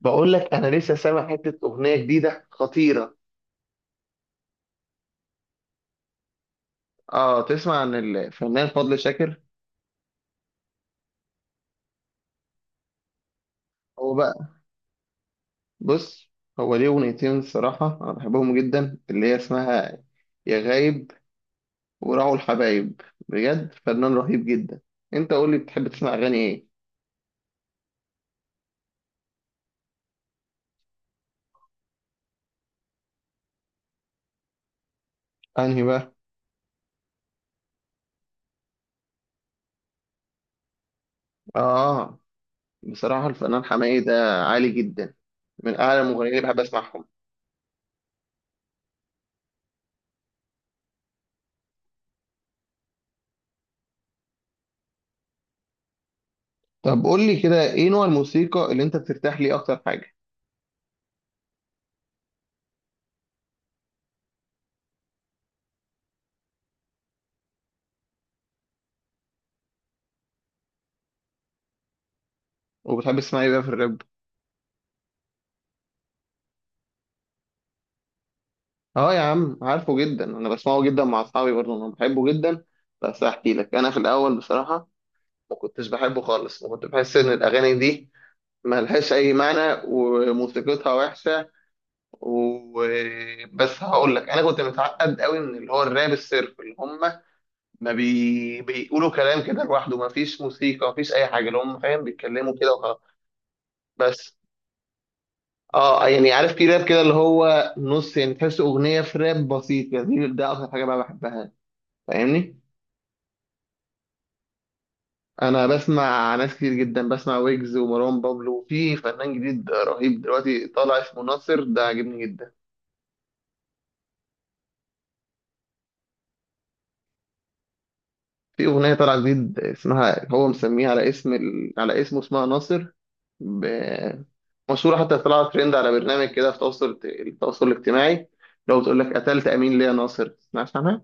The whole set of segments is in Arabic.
بقول لك انا لسه سامع حته اغنيه جديده خطيره. اه، تسمع عن الفنان فضل شاكر؟ هو بقى، بص، هو ليه اغنيتين الصراحه انا بحبهم جدا، اللي هي اسمها يا غايب وراعوا الحبايب. بجد فنان رهيب جدا. انت قول لي، بتحب تسمع اغاني ايه؟ انهي بقى؟ اه، بصراحه الفنان حماقي ده عالي جدا، من اعلى المغنيين اللي بحب اسمعهم. طب قول لي كده، ايه نوع الموسيقى اللي انت بترتاح ليه اكتر حاجه؟ وبتحب تسمع ايه بقى في الراب؟ اه يا عم، عارفه جدا، انا بسمعه جدا مع اصحابي برضه، انا بحبه جدا. بس هحكي لك، انا في الاول بصراحه ما كنتش بحبه خالص، وكنت بحس ان الاغاني دي ما لهاش اي معنى وموسيقتها وحشه. وبس هقول لك، انا كنت متعقد قوي من اللي هو الراب الصرف، اللي هم ما بي... بيقولوا كلام كده لوحده، ما فيش موسيقى، ما فيش اي حاجه، اللي هم فاهم بيتكلموا كده وخلاص. بس اه، يعني عارف، في راب كده اللي هو نص، يعني تحس اغنيه في راب بسيط، يعني ده اكتر حاجه بقى بحبها. فاهمني؟ انا بسمع ناس كتير جدا، بسمع ويجز ومروان بابلو، وفي فنان جديد رهيب دلوقتي طالع اسمه ناصر، ده عاجبني جدا. في اغنيه طالعه جديد، اسمها هو مسميها على اسم على اسمه، اسمها ناصر. ب... مشهوره حتى طلعت ترند على برنامج كده في التواصل الاجتماعي. لو بتقول لك، قتلت امين ليه يا ناصر، تسمعش عنها؟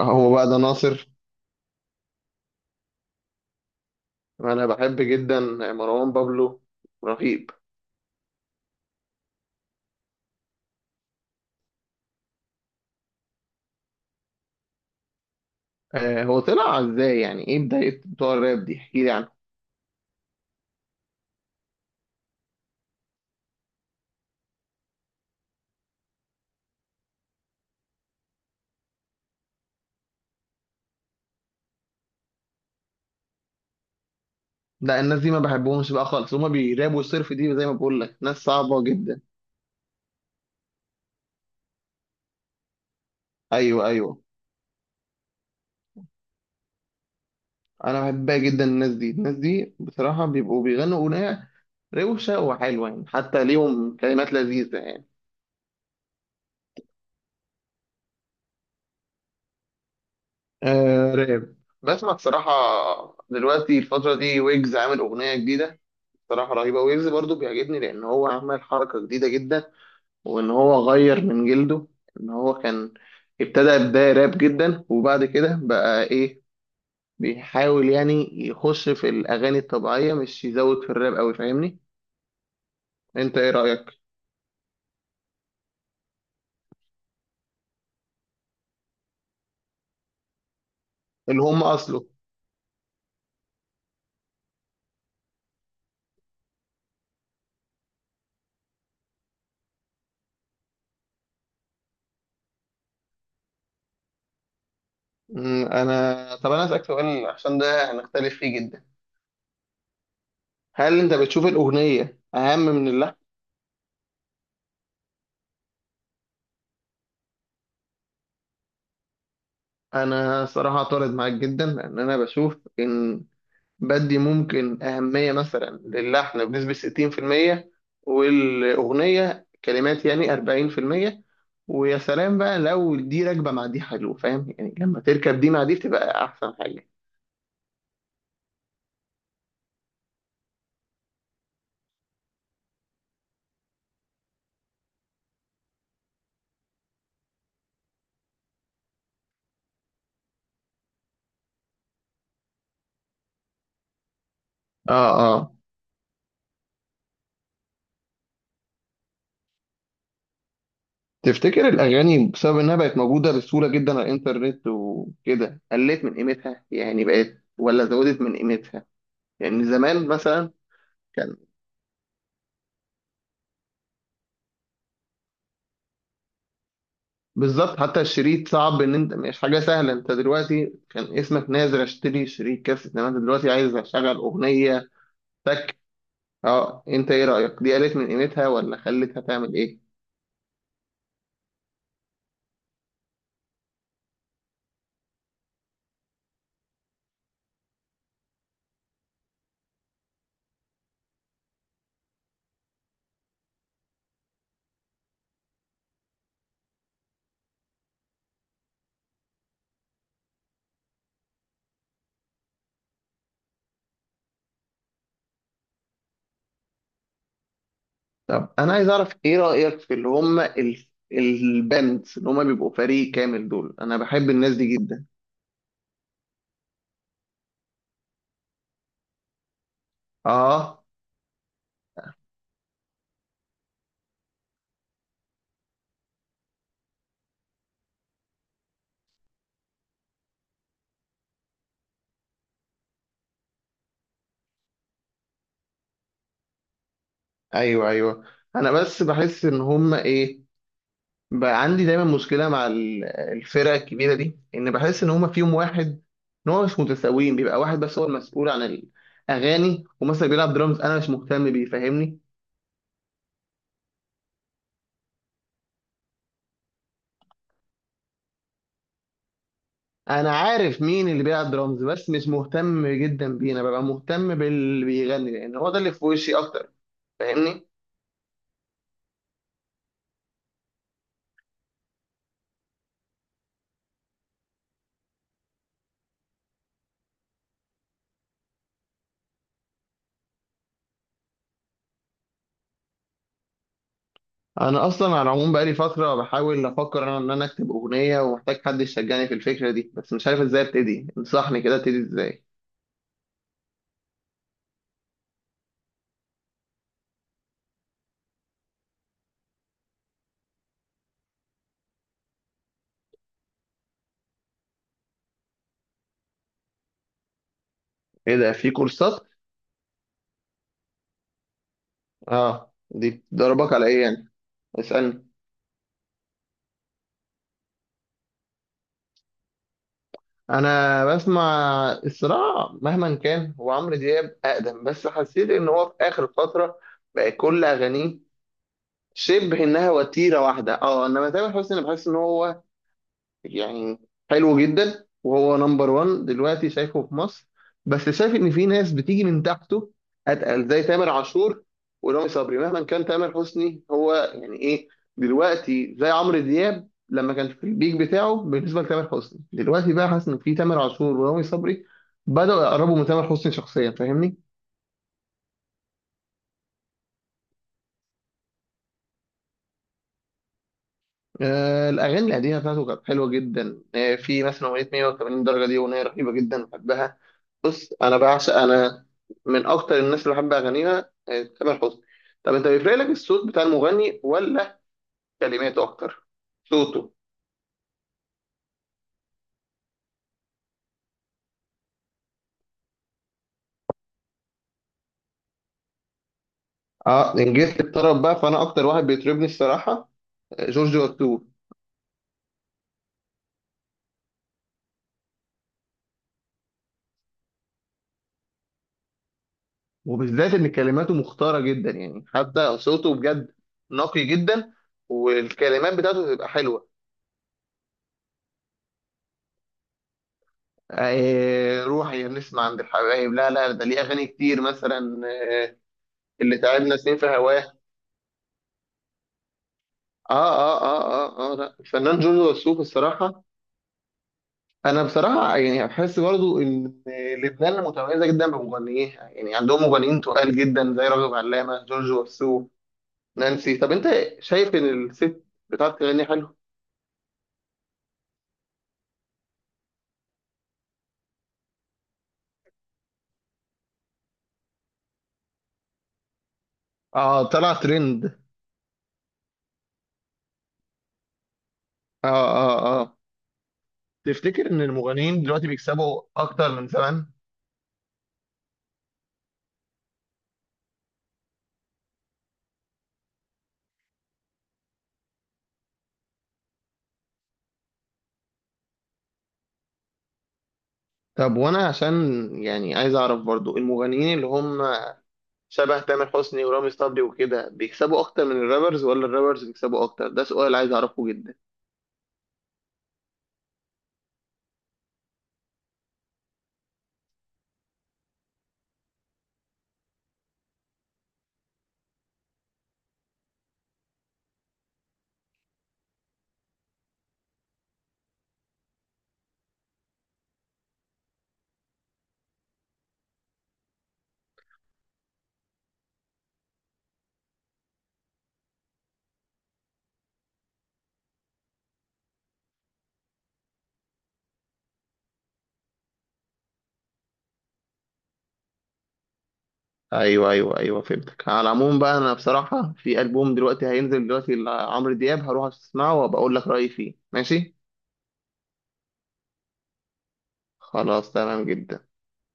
هو بقى ده ناصر. انا بحب جدا مروان بابلو، رهيب. هو طلع ازاي يعني، ايه بدايه بتوع الراب دي؟ احكي لي. لا، الناس دي ما بحبهمش بقى خالص، هما بيرابوا الصرف دي، زي ما بقول لك، ناس صعبة جدا. ايوه، ايوه، انا بحبها جدا، الناس دي الناس دي بصراحة بيبقوا بيغنوا أغنية روشة وحلوة يعني، حتى ليهم كلمات لذيذة يعني. آه، راب. بسمع بصراحة، دلوقتي الفترة دي ويجز عامل أغنية جديدة بصراحة رهيبة. ويجز برضو بيعجبني، لأن هو عمل حركة جديدة جدا، وإن هو غير من جلده. إن هو كان ابتدى بداية راب جدا، وبعد كده بقى إيه، بيحاول يعني يخش في الأغاني الطبيعية، مش يزود في الراب أوي، فاهمني؟ أنت إيه رأيك؟ اللي هم أصله. طب أنا أسألك سؤال، عشان ده هنختلف فيه جدا. هل أنت بتشوف الأغنية أهم من اللحن؟ أنا صراحة أعترض معاك جدا، لأن أنا بشوف إن بدي ممكن أهمية مثلا للحن بنسبة 60%، والأغنية كلمات يعني 40%. ويا سلام بقى، لو دي راكبة مع دي حلو، فاهم يعني، لما تركب دي مع دي بتبقى أحسن حاجة. اه، اه. تفتكر الاغاني بسبب انها بقت موجوده بسهوله جدا على الانترنت وكده، قلت من قيمتها، يعني بقت ولا زودت من قيمتها؟ يعني زمان مثلا كان بالظبط، حتى الشريط صعب، ان انت مش حاجه سهله، انت دلوقتي كان اسمك نازل اشتري شريط كاسيت، انما انت دلوقتي عايز اشغل اغنيه، تك. اه، انت ايه رايك؟ دي قلت من قيمتها ولا خلتها تعمل ايه؟ طب انا عايز اعرف ايه رايك في اللي هم الباندز، اللي هم بيبقوا فريق كامل، دول انا بحب الناس دي جدا. اه، ايوه، ايوه. انا بس بحس ان هم ايه، بقى عندي دايما مشكله مع الفرق الكبيره دي، ان بحس ان هم فيهم واحد، ان هو مش متساويين، بيبقى واحد بس هو المسؤول عن الاغاني، ومثلا بيلعب درامز انا مش مهتم بيه، فاهمني؟ انا عارف مين اللي بيلعب درامز، بس مش مهتم جدا بيه، انا ببقى مهتم باللي بيغني لان هو ده اللي في وشي اكتر، فاهمني؟ انا اصلا على العموم بقالي فتره بحاول افكر انا ان انا اكتب اغنيه، ومحتاج حد يشجعني في الفكره دي، بس مش عارف ازاي ابتدي، انصحني كده ابتدي ازاي؟ ايه ده، في كورسات؟ اه، دي بتدربك على ايه يعني؟ اسألني. انا بسمع، الصراحة مهما كان هو عمرو دياب اقدم، بس حسيت ان هو في اخر فترة بقى كل اغانيه شبه، انها وتيرة واحدة. اه، انما تامر حسني بحس ان هو يعني حلو جدا، وهو نمبر 1 دلوقتي شايفه في مصر. بس شايف ان في ناس بتيجي من تحته، اتقل، زي تامر عاشور ورامي صبري، مهما كان تامر حسني هو يعني ايه، دلوقتي زي عمرو دياب لما كان في البيك بتاعه، بالنسبه لتامر حسني دلوقتي، بقى حاسس ان في تامر عاشور ورامي صبري بدأوا يقربوا من تامر حسني شخصيا، فاهمني؟ آه، الأغاني القديمة بتاعته كانت حلوة جدا، في مثلا أغنية 180 درجة، دي أغنية رهيبة جدا بحبها. بص، انا من اكتر الناس اللي بحب اغانيها، تامر حسني. طب انت، بيفرق لك الصوت بتاع المغني ولا كلماته اكتر؟ صوته؟ اه، إن جيت الطرب بقى فانا اكتر واحد بيطربني الصراحه، جورج وسوف. وبالذات ان كلماته مختاره جدا يعني، حتى صوته بجد نقي جدا، والكلمات بتاعته بتبقى حلوه. آه، روحي يا نسمة، عند الحبايب، لا لا، ده ليه اغاني كتير مثلا، آه، اللي تعبنا سنين في هواه. اه، اه، اه، اه، اه، لا، الفنان جورج وسوف الصراحه. انا بصراحه يعني بحس برضو ان لبنان متميزه جدا بمغنيها يعني، عندهم مغنيين تقال جدا زي راغب علامه، جورج وسوف، نانسي، طب انت شايف ان الست بتعرف تغني حلو؟ اه، طلع ترند. اه، اه، اه. تفتكر ان المغنيين دلوقتي بيكسبوا اكتر من زمان؟ طب وانا عشان يعني عايز اعرف برضو، المغنيين اللي هم شبه تامر حسني ورامي صبري وكده بيكسبوا اكتر من الرابرز، ولا الرابرز بيكسبوا اكتر؟ ده سؤال عايز اعرفه جدا. ايوه، ايوه، ايوه، فهمتك، على العموم بقى انا بصراحه في البوم دلوقتي هينزل دلوقتي لعمرو دياب، هروح اسمعه وبقول لك رايي فيه، ماشي. خلاص، تمام جدا.